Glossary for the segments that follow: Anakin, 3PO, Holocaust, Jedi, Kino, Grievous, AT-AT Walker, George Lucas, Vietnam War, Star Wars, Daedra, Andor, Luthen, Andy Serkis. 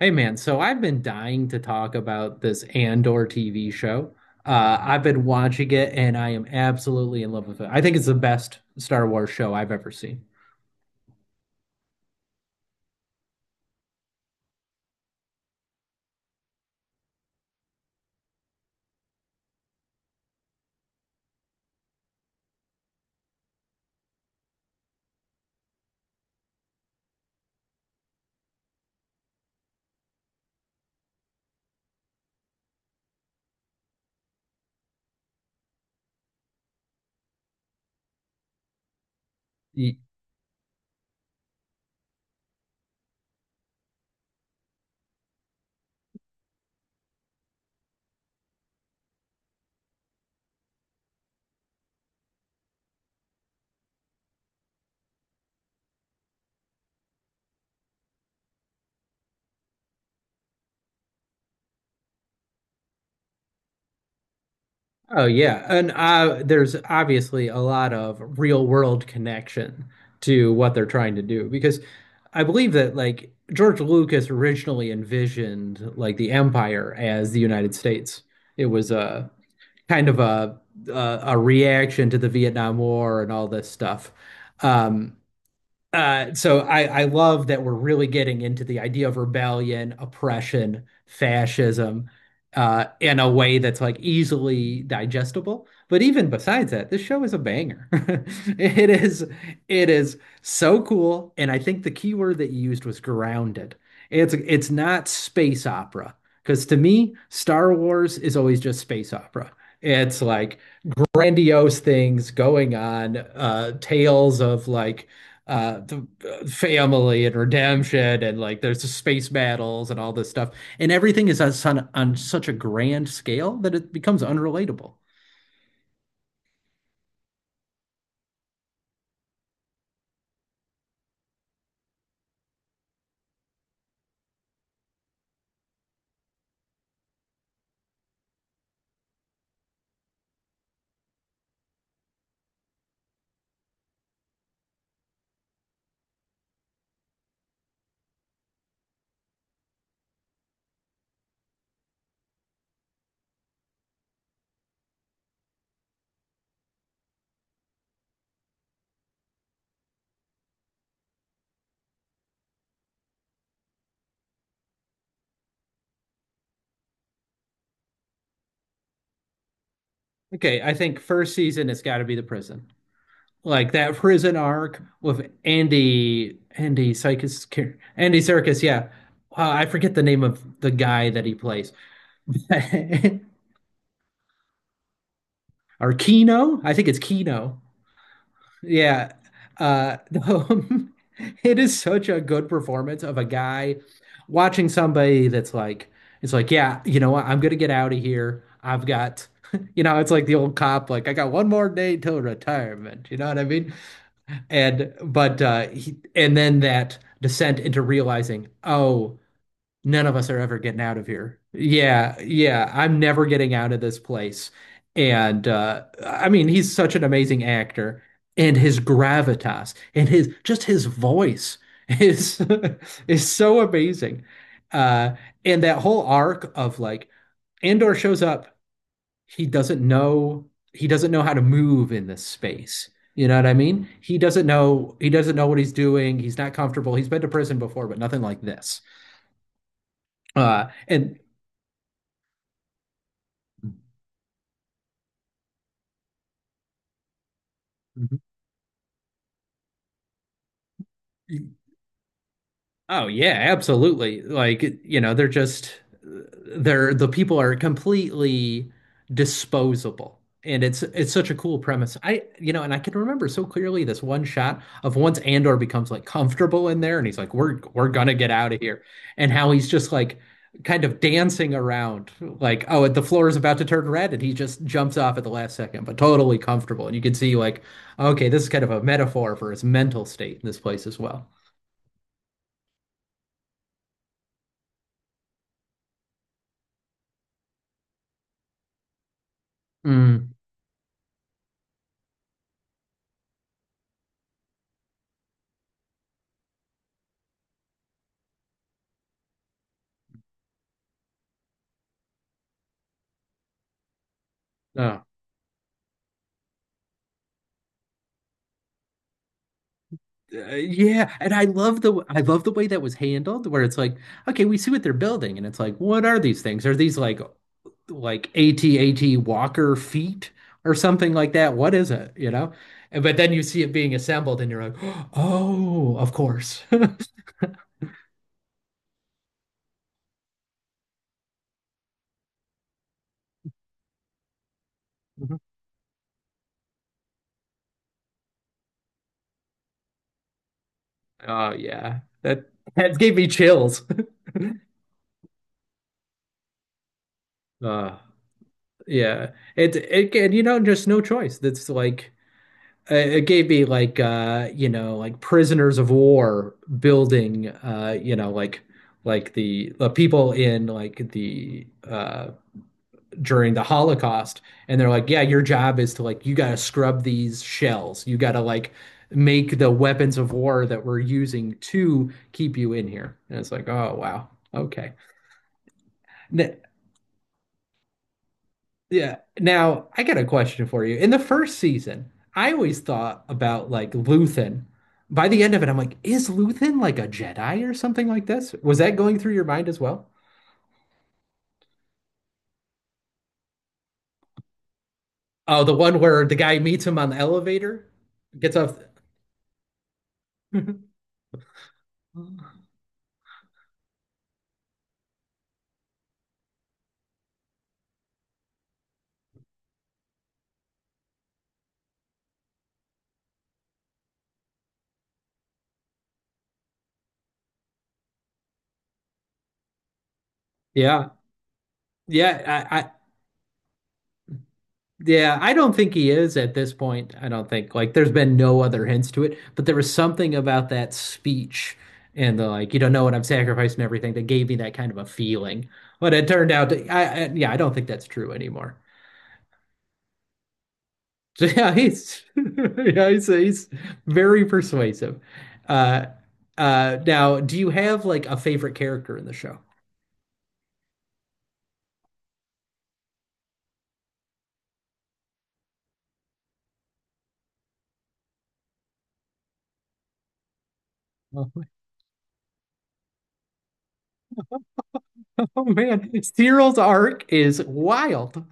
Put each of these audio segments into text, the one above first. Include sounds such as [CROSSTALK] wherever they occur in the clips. Hey man, so I've been dying to talk about this Andor TV show. I've been watching it and I am absolutely in love with it. I think it's the best Star Wars show I've ever seen. Y- Oh yeah, and there's obviously a lot of real world connection to what they're trying to do because I believe that like George Lucas originally envisioned like the Empire as the United States. It was a kind of a reaction to the Vietnam War and all this stuff. Um, so I love that we're really getting into the idea of rebellion, oppression, fascism, in a way that's like easily digestible. But even besides that, this show is a banger. [LAUGHS] It is, it is so cool. And I think the key word that you used was grounded. It's not space opera because to me, Star Wars is always just space opera. It's like grandiose things going on, tales of like the family and redemption and like there's the space battles and all this stuff and everything is on such a grand scale that it becomes unrelatable. Okay, I think first season it's got to be the prison. Like that prison arc with Andy Serkis, yeah. I forget the name of the guy that he plays. [LAUGHS] Or Kino? I think it's Kino. Yeah. Uh [LAUGHS] it is such a good performance of a guy watching somebody that's like, yeah, you know what? I'm gonna get out of here. I've got [LAUGHS] you know, it's like the old cop, like, I got one more day till retirement. You know what I mean? And then that descent into realizing, oh, none of us are ever getting out of here. Yeah, yeah, I'm never getting out of this place. And I mean, he's such an amazing actor and his gravitas and his just his voice is [LAUGHS] is so amazing. Uh and that whole arc of like Andor shows up, he doesn't know he doesn't know how to move in this space. You know what I mean? He doesn't know what he's doing. He's not comfortable. He's been to prison before, but nothing like this. And Oh yeah, absolutely. Like, you know, they're just they're the people are completely disposable. And it's such a cool premise. I you know, and I can remember so clearly this one shot of once Andor becomes like comfortable in there and he's like, we're gonna get out of here. And how he's just like kind of dancing around, like, oh, the floor is about to turn red and he just jumps off at the last second, but totally comfortable. And you can see like, okay, this is kind of a metaphor for his mental state in this place as well. Mm. Oh. Yeah, and I love the way that was handled, where it's like, okay, we see what they're building, and it's like, what are these things? Are these like AT-AT Walker feet or something like that? What is it? You know? And but then you see it being assembled, and you're like, [GASPS] oh, of course. [LAUGHS] Mhm. Oh yeah, that gave me chills. [LAUGHS] Uh, yeah, it and you know just no choice. That's like it gave me like you know like prisoners of war building you know like the people in like the during the Holocaust and they're like, yeah, your job is to like you got to scrub these shells, you got to like make the weapons of war that we're using to keep you in here. And it's like, oh wow, okay. N- Yeah. Now, I got a question for you. In the first season, I always thought about like Luthen. By the end of it, I'm like, is Luthen like a Jedi or something like this? Was that going through your mind as well? Oh, the one where the guy meets him on the elevator, gets off. [LAUGHS] Yeah. Yeah. Yeah, I don't think he is at this point. I don't think like there's been no other hints to it, but there was something about that speech and the like, you don't know what I'm sacrificing and everything that gave me that kind of a feeling. But it turned out to, I yeah, I don't think that's true anymore. [LAUGHS] Yeah, he's [LAUGHS] yeah, he's very persuasive. Uh Now, do you have like a favorite character in the show? Oh, [LAUGHS] oh, man, Cyril's arc is wild.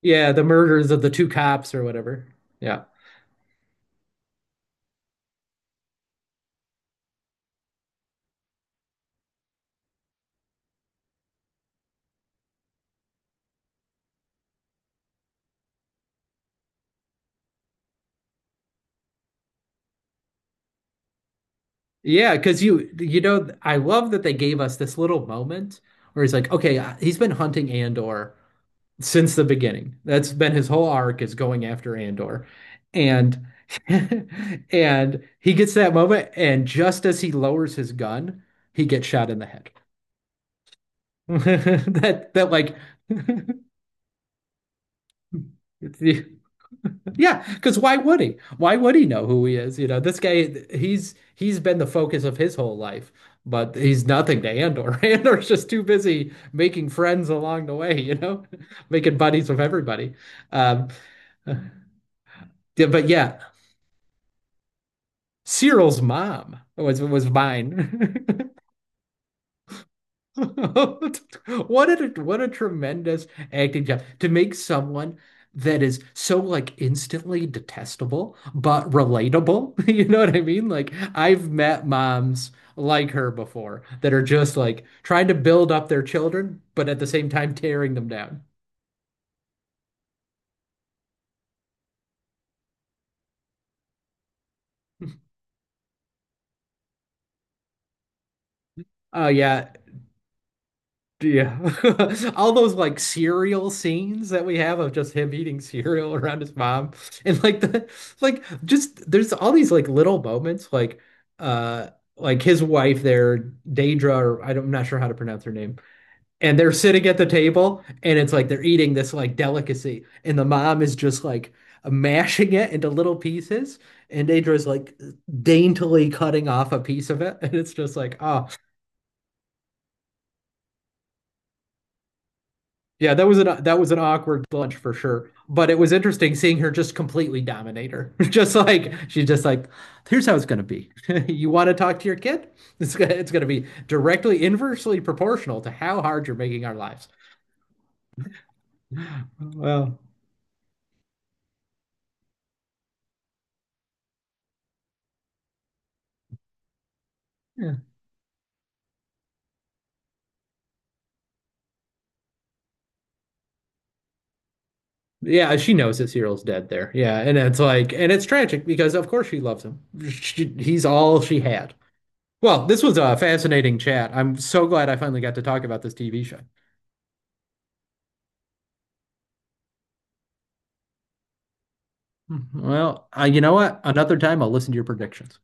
Yeah, the murders of the two cops or whatever. Yeah. Yeah, because you know I love that they gave us this little moment where he's like, okay, he's been hunting Andor since the beginning. That's been his whole arc is going after Andor, and [LAUGHS] and he gets that moment, and just as he lowers his gun, he gets shot in the head. [LAUGHS] That that like [LAUGHS] yeah, because why would he? Why would he know who he is? You know, this guy, he's been the focus of his whole life, but he's nothing to Andor. [LAUGHS] Andor's just too busy making friends along the way, you know, [LAUGHS] making buddies with everybody. Um, [LAUGHS] yeah, but yeah, Cyril's mom was mine. [LAUGHS] [LAUGHS] What a tremendous acting job to make someone that is so like instantly detestable but relatable. [LAUGHS] You know what I mean? Like I've met moms like her before that are just like trying to build up their children, but at the same time tearing them down. Oh yeah, yeah. [LAUGHS] All those like cereal scenes that we have of just him eating cereal around his mom. And like the like just there's all these like little moments uh like his wife there, Daedra, or I don't, I'm not sure how to pronounce her name. And they're sitting at the table and it's like they're eating this like delicacy. And the mom is just like mashing it into little pieces. And Daedra's like daintily cutting off a piece of it. [LAUGHS] And it's just like, oh, yeah, that was an awkward lunch for sure. But it was interesting seeing her just completely dominate her. [LAUGHS] Just like she's just like, here's how it's gonna be. [LAUGHS] You want to talk to your kid? [LAUGHS] It's gonna be directly inversely proportional to how hard you're making our lives. Well, yeah. Yeah, she knows that Cyril's dead there. Yeah, and it's like and it's tragic because of course she loves him. She, he's all she had. Well, this was a fascinating chat. I'm so glad I finally got to talk about this TV show. Well, you know what? Another time I'll listen to your predictions.